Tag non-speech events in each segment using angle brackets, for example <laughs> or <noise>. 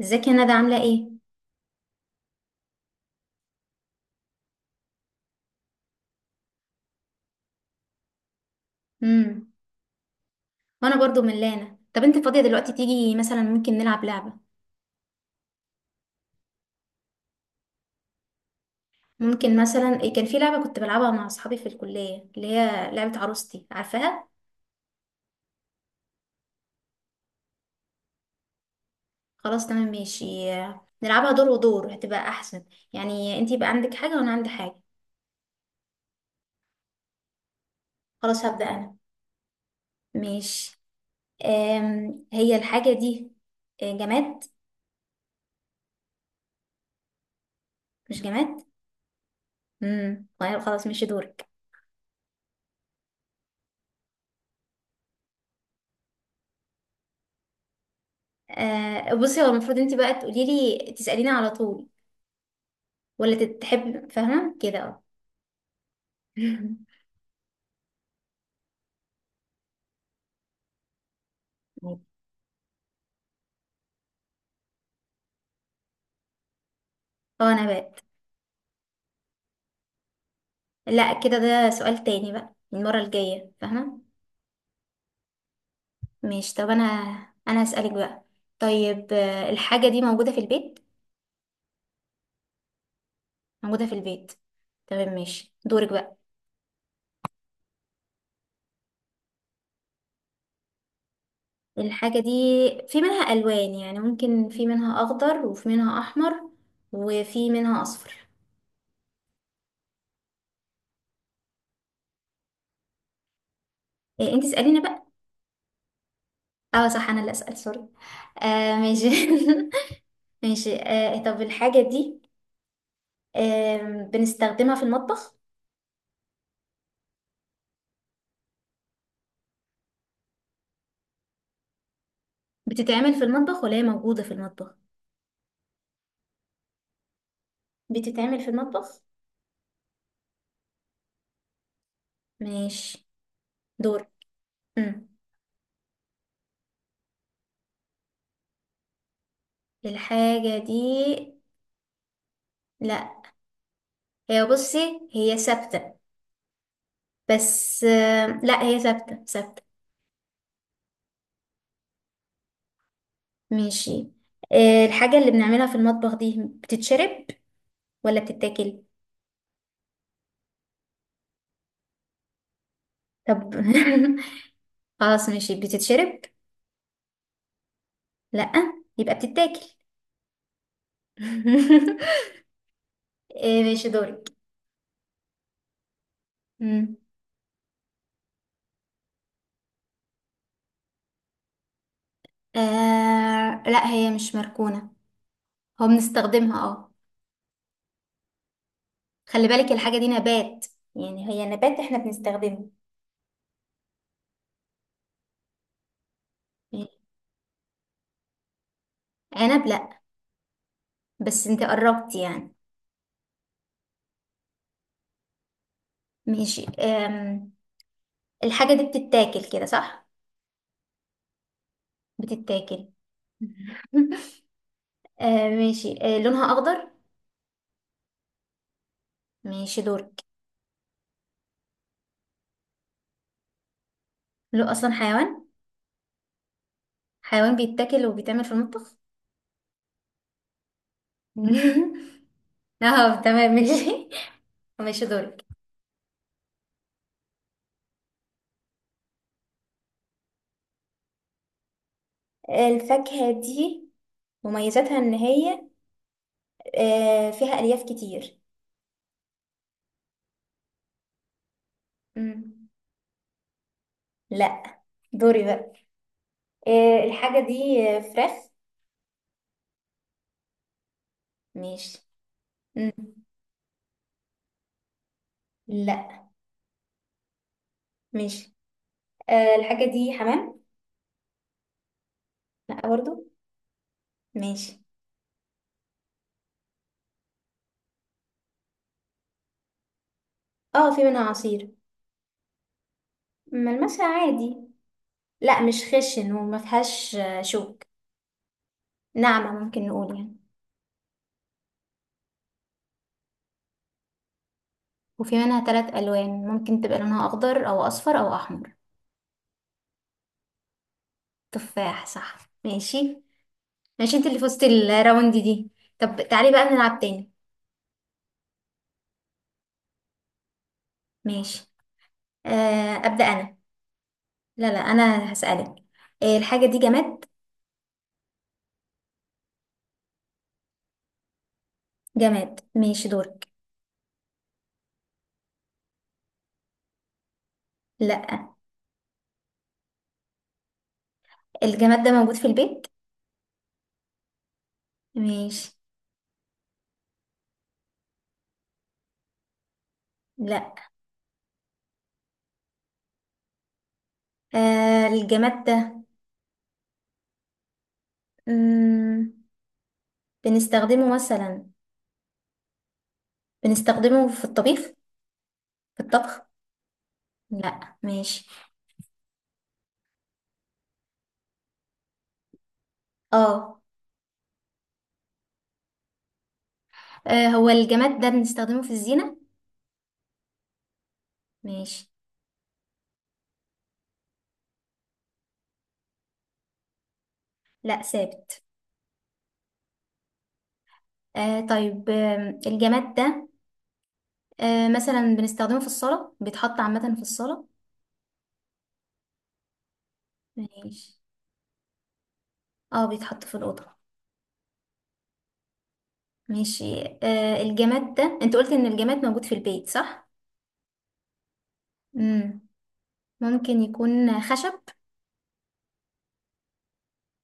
ازيك يا ندى عاملة ايه؟ امم. وانا برضو ملانة. طب انت فاضية دلوقتي، تيجي مثلا ممكن نلعب لعبة؟ ممكن مثلا كان في لعبة كنت بلعبها مع اصحابي في الكلية، اللي هي لعبة عروستي، عارفاها؟ خلاص، تمام، ماشي. نلعبها دور ودور هتبقى احسن. يعني انت يبقى عندك حاجة وانا عندي حاجة. خلاص، هبدأ انا. ماشي. هي الحاجة دي جماد. مش جماد؟ طيب، خلاص، ماشي، دورك. أه، بصي، هو المفروض انت بقى تقولي لي تسأليني على طول، ولا تحب، فاهمة كده؟ <laughs> اه، نبات. لا، كده ده سؤال تاني بقى المرة الجاية، فاهمة. ماشي، طب انا هسألك بقى. طيب، الحاجة دي موجودة في البيت. موجودة في البيت. تمام، ماشي، دورك بقى. الحاجة دي في منها ألوان، يعني ممكن في منها أخضر، وفي منها أحمر، وفي منها أصفر. إيه، انت اسأليني بقى. اه صح، انا اللي أسأل، سوري. آه، ماشي. <laughs> ماشي، طب الحاجة دي آه بنستخدمها في المطبخ. بتتعمل في المطبخ ولا هي موجودة في المطبخ؟ بتتعمل في المطبخ. ماشي، دور. مم. الحاجة دي، لا، هي، بصي، هي ثابتة. بس لا هي ثابتة ثابتة. ماشي، الحاجة اللي بنعملها في المطبخ دي بتتشرب ولا بتتاكل؟ طب <laughs> خلاص، ماشي، بتتشرب؟ لا. يبقى بتتاكل. <laughs> آه، ماشي، دورك. مم. آه، لا هي مش مركونة. هو بنستخدمها، اه. خلي بالك الحاجة دي نبات. يعني هي نبات احنا بنستخدمه. يعني، عنب؟ لأ، بس انت قربت يعني. ماشي، الحاجة دي بتتاكل كده صح؟ بتتاكل. <laughs> آه، ماشي، لونها أخضر. ماشي، دورك. لو أصلا حيوان. حيوان بيتاكل وبيتعمل في المطبخ. <laughs> اه، تمام، ماشي. <laughs> ماشي، دورك. الفاكهة دي مميزاتها ان هي فيها الياف كتير. مم. لا. دوري بقى. الحاجة دي فراخ؟ ماشي. مم. لا. ماشي. الحاجة دي حمام؟ لا برضو. ماشي. اه، في منها عصير. ملمسها عادي. لا، مش خشن وما فيهاش شوك. ناعمة ممكن نقول يعني. وفي منها ثلاث ألوان، ممكن تبقى لونها أخضر أو أصفر أو أحمر. تفاح؟ صح. ماشي. ماشي، انت اللي فزتي الراوند دي. طب تعالي بقى نلعب تاني. ماشي. أبدأ أنا. لا لا، أنا هسألك. الحاجة دي جماد. جماد؟ ماشي، دور. لا. الجماد ده موجود في البيت. ماشي. لا. الجماد ده، مم. بنستخدمه مثلا، بنستخدمه في الطبخ. لا، ماشي. اه. هو الجماد ده بنستخدمه في الزينة؟ ماشي. لا، ثابت. آه، طيب، الجماد ده مثلا بنستخدمه في الصالة، بيتحط عامة في الصالة. ماشي. اه، بيتحط في الأوضة. ماشي، الجماد ده، انت قلت ان الجماد موجود في البيت، صح؟ مم. ممكن يكون خشب.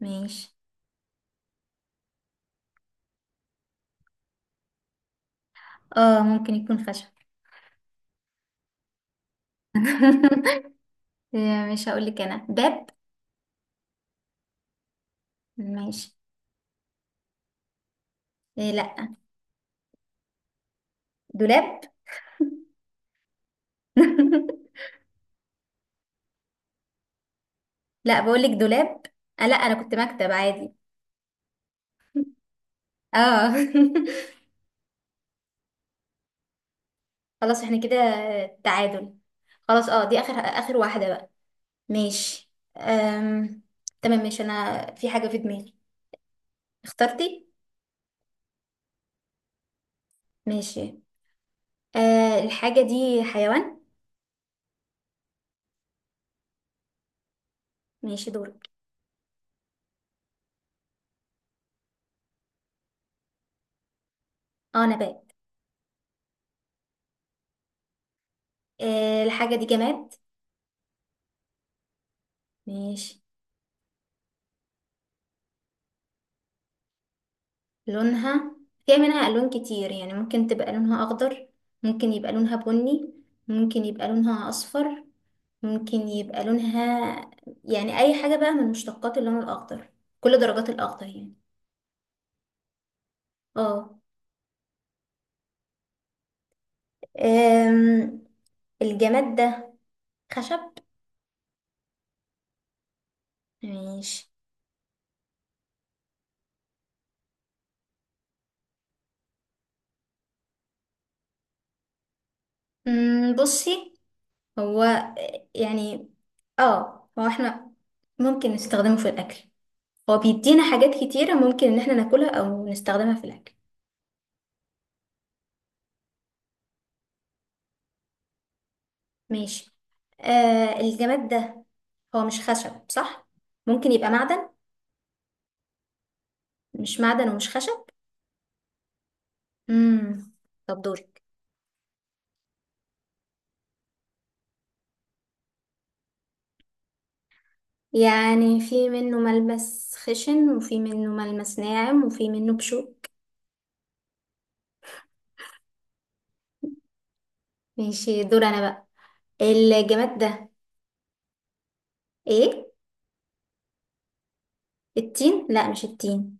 ماشي. اه، ممكن يكون خشب. <laughs> مش هقول لك انا باب. ماشي. إيه؟ لا. دولاب. <laughs> لا، بقول لك دولاب. آه، لا انا كنت مكتب عادي. اه. <laughs> خلاص، احنا كده تعادل. خلاص، اه، دي اخر اخر واحدة بقى. ماشي. أم... تمام، ماشي، انا في حاجة في دماغي. اخترتي؟ ماشي. الحاجة دي حيوان؟ ماشي، دورك. اه، نبات. الحاجة دي جماد؟ ماشي. لونها، فيها منها ألوان كتير، يعني ممكن تبقى لونها أخضر، ممكن يبقى لونها بني، ممكن يبقى لونها أصفر، ممكن يبقى لونها، يعني، أي حاجة بقى من مشتقات اللون الأخضر، كل درجات الأخضر يعني. اه. أم، الجماد ده خشب؟ ماشي. بصي، هو، يعني، اه هو احنا ممكن نستخدمه في الأكل. هو بيدينا حاجات كتيرة ممكن إن احنا ناكلها أو نستخدمها في الأكل. ماشي. الجماد ده، هو مش خشب صح؟ ممكن يبقى معدن. مش معدن ومش خشب. امم. طب دورك. يعني في منه ملمس خشن، وفي منه ملمس ناعم، وفي منه بشوك. ماشي، دور انا بقى. الجماد ده، ايه، التين؟ لا، مش التين.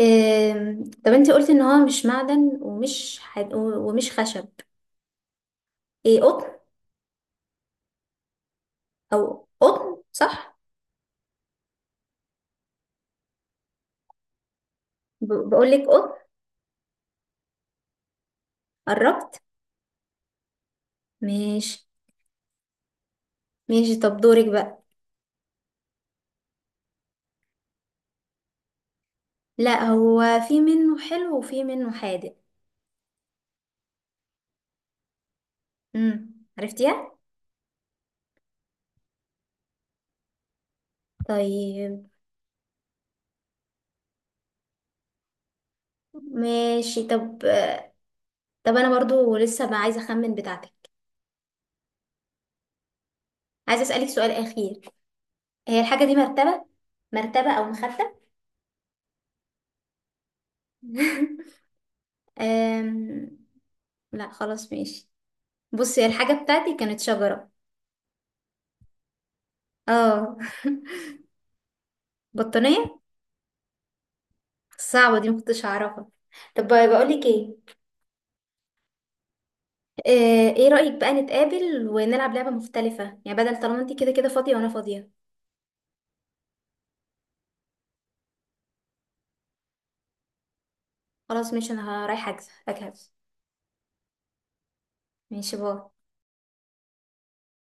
طب انت قلت ان هو مش معدن ومش خشب. ايه، قطن؟ او قطن صح؟ بقول لك قطن. قربت. ماشي. ماشي، طب دورك بقى. لا، هو في منه حلو وفي منه حادق. عرفتيها. طيب. ماشي، طب انا برضو لسه ما عايزه اخمن بتاعتك. عايزه اسالك سؤال اخير. هي الحاجه دي مرتبه؟ مرتبه او مخده؟ <laughs> أم... لا، خلاص، ماشي. بصي، الحاجه بتاعتي كانت شجره. اه. <laughs> بطانيه. صعبه دي، ما كنتش هعرفها. طب بقول لك ايه، ايه رأيك بقى نتقابل ونلعب لعبة مختلفة، يعني بدل، طالما انت كده كده فاضية وانا فاضية. خلاص، ماشي، انا رايحة أجهز. ماشي، باي.